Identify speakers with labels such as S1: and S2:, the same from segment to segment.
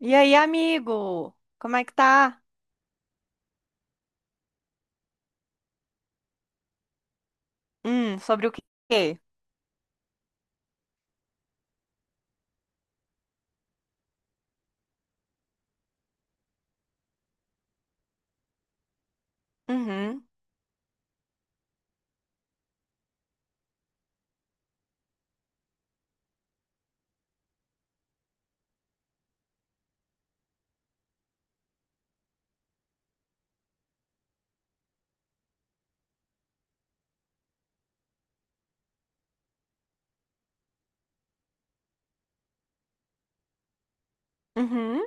S1: E aí, amigo? Como é que tá? Sobre o quê? Uhum, uhum.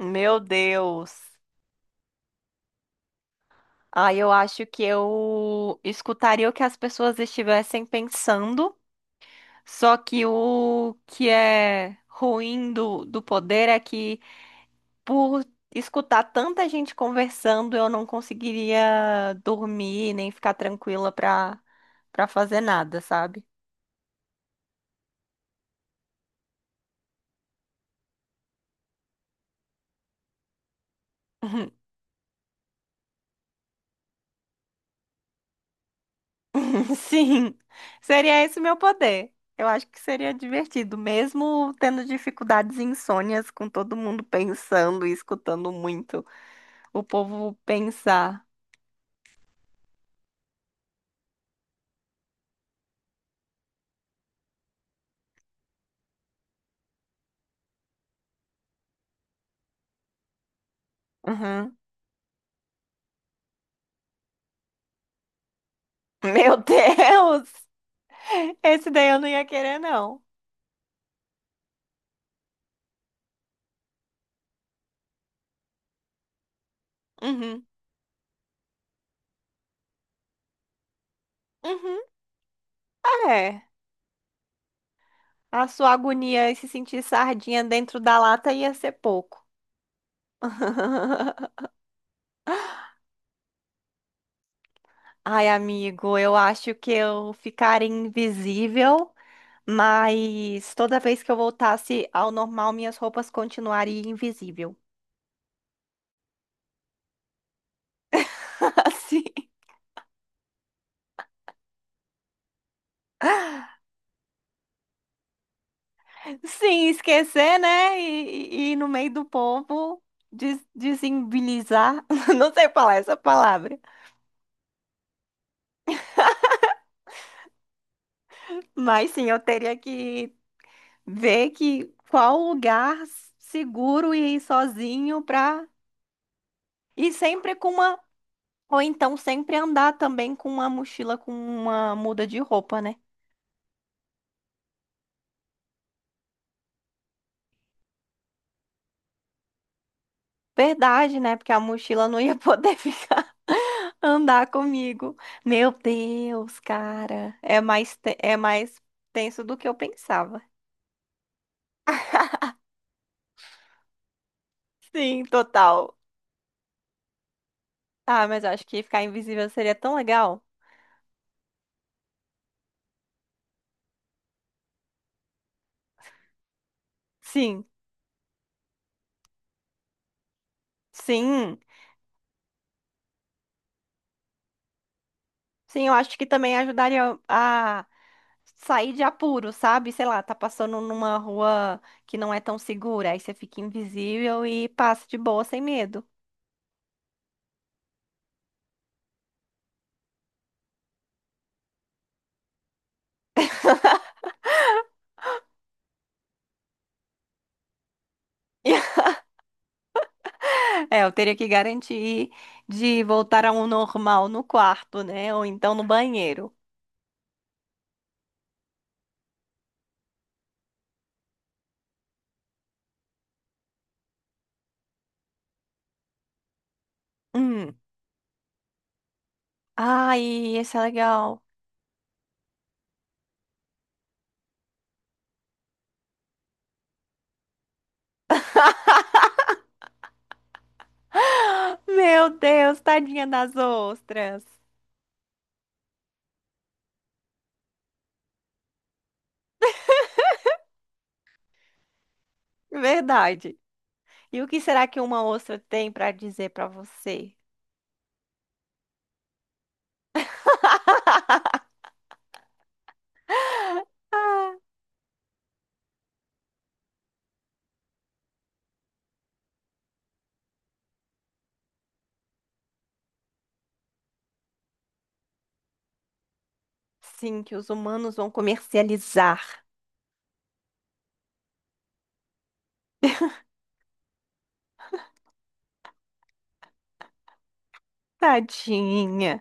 S1: Meu Deus. Ah, eu acho que eu escutaria o que as pessoas estivessem pensando, só que o que é ruim do poder é que, por escutar tanta gente conversando, eu não conseguiria dormir nem ficar tranquila pra, pra fazer nada, sabe? Sim, seria esse o meu poder. Eu acho que seria divertido, mesmo tendo dificuldades e insônias, com todo mundo pensando e escutando muito o povo pensar. Uhum. Meu Deus! Esse daí eu não ia querer, não. Uhum. Uhum. É. A sua agonia e se sentir sardinha dentro da lata ia ser pouco. Ai, amigo, eu acho que eu ficaria invisível. Mas toda vez que eu voltasse ao normal, minhas roupas continuariam invisível. Assim, sim, esquecer, né? E no meio do povo des desimbilizar. Não sei falar essa palavra. Mas sim, eu teria que ver que qual lugar seguro e ir sozinho pra. E sempre com uma. Ou então sempre andar também com uma mochila com uma muda de roupa, né? Verdade, né? Porque a mochila não ia poder ficar andar comigo. Meu Deus, cara, é mais tenso do que eu pensava. Sim, total. Ah, mas eu acho que ficar invisível seria tão legal. Sim, sim. Sim, eu acho que também ajudaria a sair de apuro, sabe? Sei lá, tá passando numa rua que não é tão segura, aí você fica invisível e passa de boa sem medo. É, eu teria que garantir de voltar ao normal no quarto, né? Ou então no banheiro. Hum. Ai, esse é legal. Meu Deus, tadinha das ostras. Verdade. E o que será que uma ostra tem para dizer para você? Sim, que os humanos vão comercializar. Tadinha.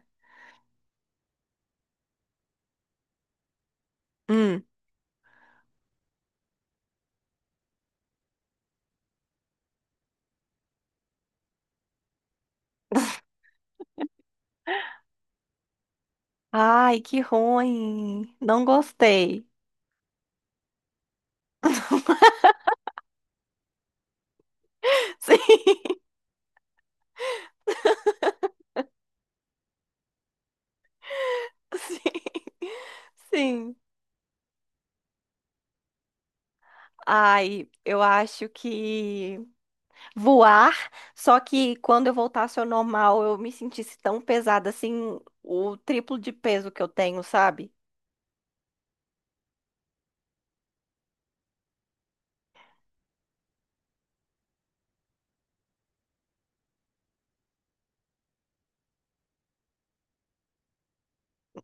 S1: Hum. Ai, que ruim. Não gostei. Sim, sim, sim. Ai, eu acho que voar, só que quando eu voltasse ao normal, eu me sentisse tão pesada assim, o triplo de peso que eu tenho, sabe?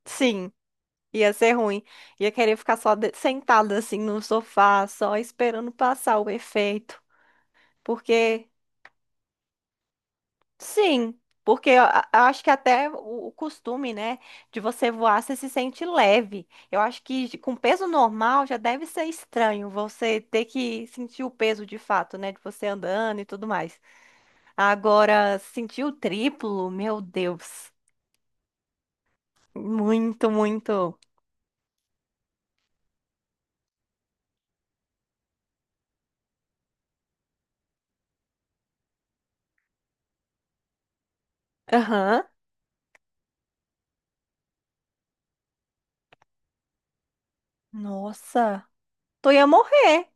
S1: Sim, ia ser ruim. Ia querer ficar só de- sentada assim no sofá, só esperando passar o efeito. Porque, sim, porque eu a- acho que até o costume, né, de você voar, você se sente leve. Eu acho que de- com peso normal já deve ser estranho você ter que sentir o peso de fato, né, de você andando e tudo mais. Agora, sentir o triplo, meu Deus. Muito, muito. Aham. Nossa, tô ia morrer.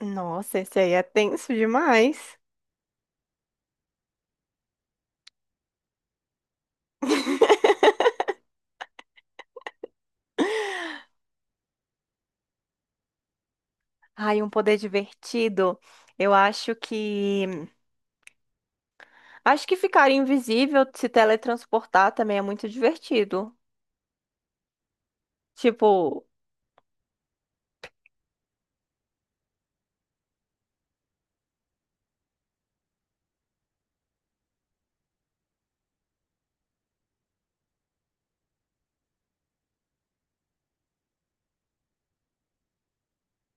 S1: Nossa, esse aí é tenso demais. Ai, um poder divertido. Eu acho que. Acho que ficar invisível, se teletransportar também é muito divertido. Tipo.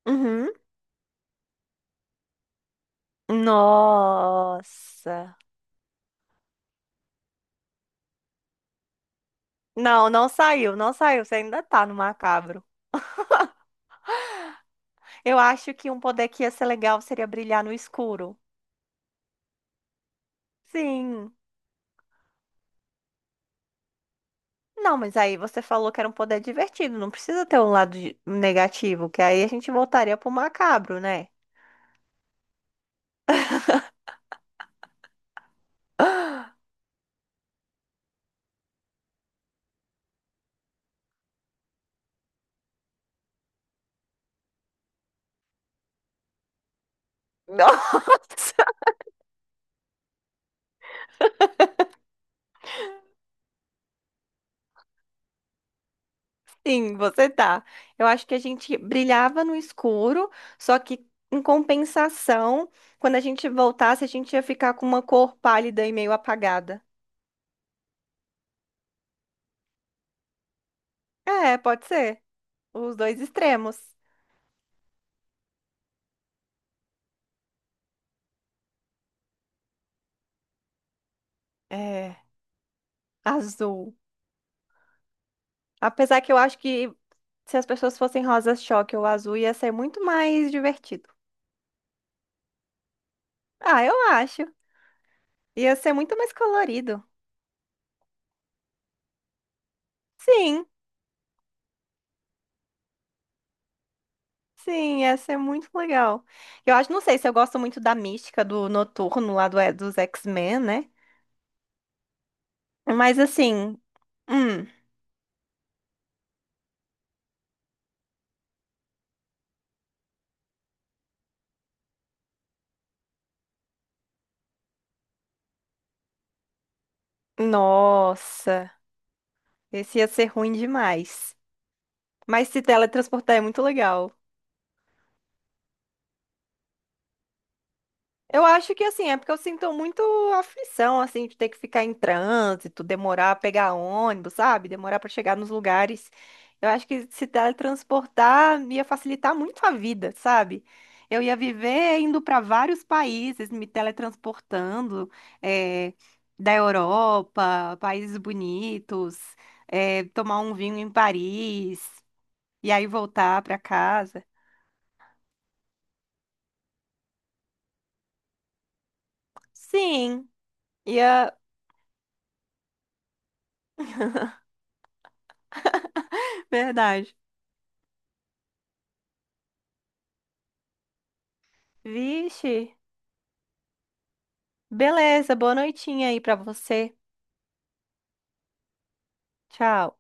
S1: Uhum. Nossa. Não, não saiu, não saiu. Você ainda tá no macabro. Eu acho que um poder que ia ser legal seria brilhar no escuro. Sim. Não, mas aí você falou que era um poder divertido, não precisa ter um lado de- negativo, que aí a gente voltaria pro macabro, né? Nossa, sim, você tá. Eu acho que a gente brilhava no escuro, só que em compensação, quando a gente voltasse, a gente ia ficar com uma cor pálida e meio apagada. É, pode ser. Os dois extremos. É, azul. Apesar que eu acho que se as pessoas fossem rosas choque ou azul, ia ser muito mais divertido. Ah, eu acho. Ia ser muito mais colorido. Sim, sim, ia ser muito legal. Eu acho, não sei se eu gosto muito da mística do Noturno lá do, dos X-Men, né? Mas assim, hum, nossa, esse ia ser ruim demais. Mas se teletransportar é muito legal. Eu acho que assim, é porque eu sinto muito aflição, assim, de ter que ficar em trânsito, demorar a pegar ônibus, sabe? Demorar para chegar nos lugares. Eu acho que se teletransportar ia facilitar muito a vida, sabe? Eu ia viver indo para vários países, me teletransportando, eh, da Europa, países bonitos, eh, tomar um vinho em Paris e aí voltar para casa. Sim, ia, verdade. Vixe. Beleza, boa noitinha aí pra você. Tchau.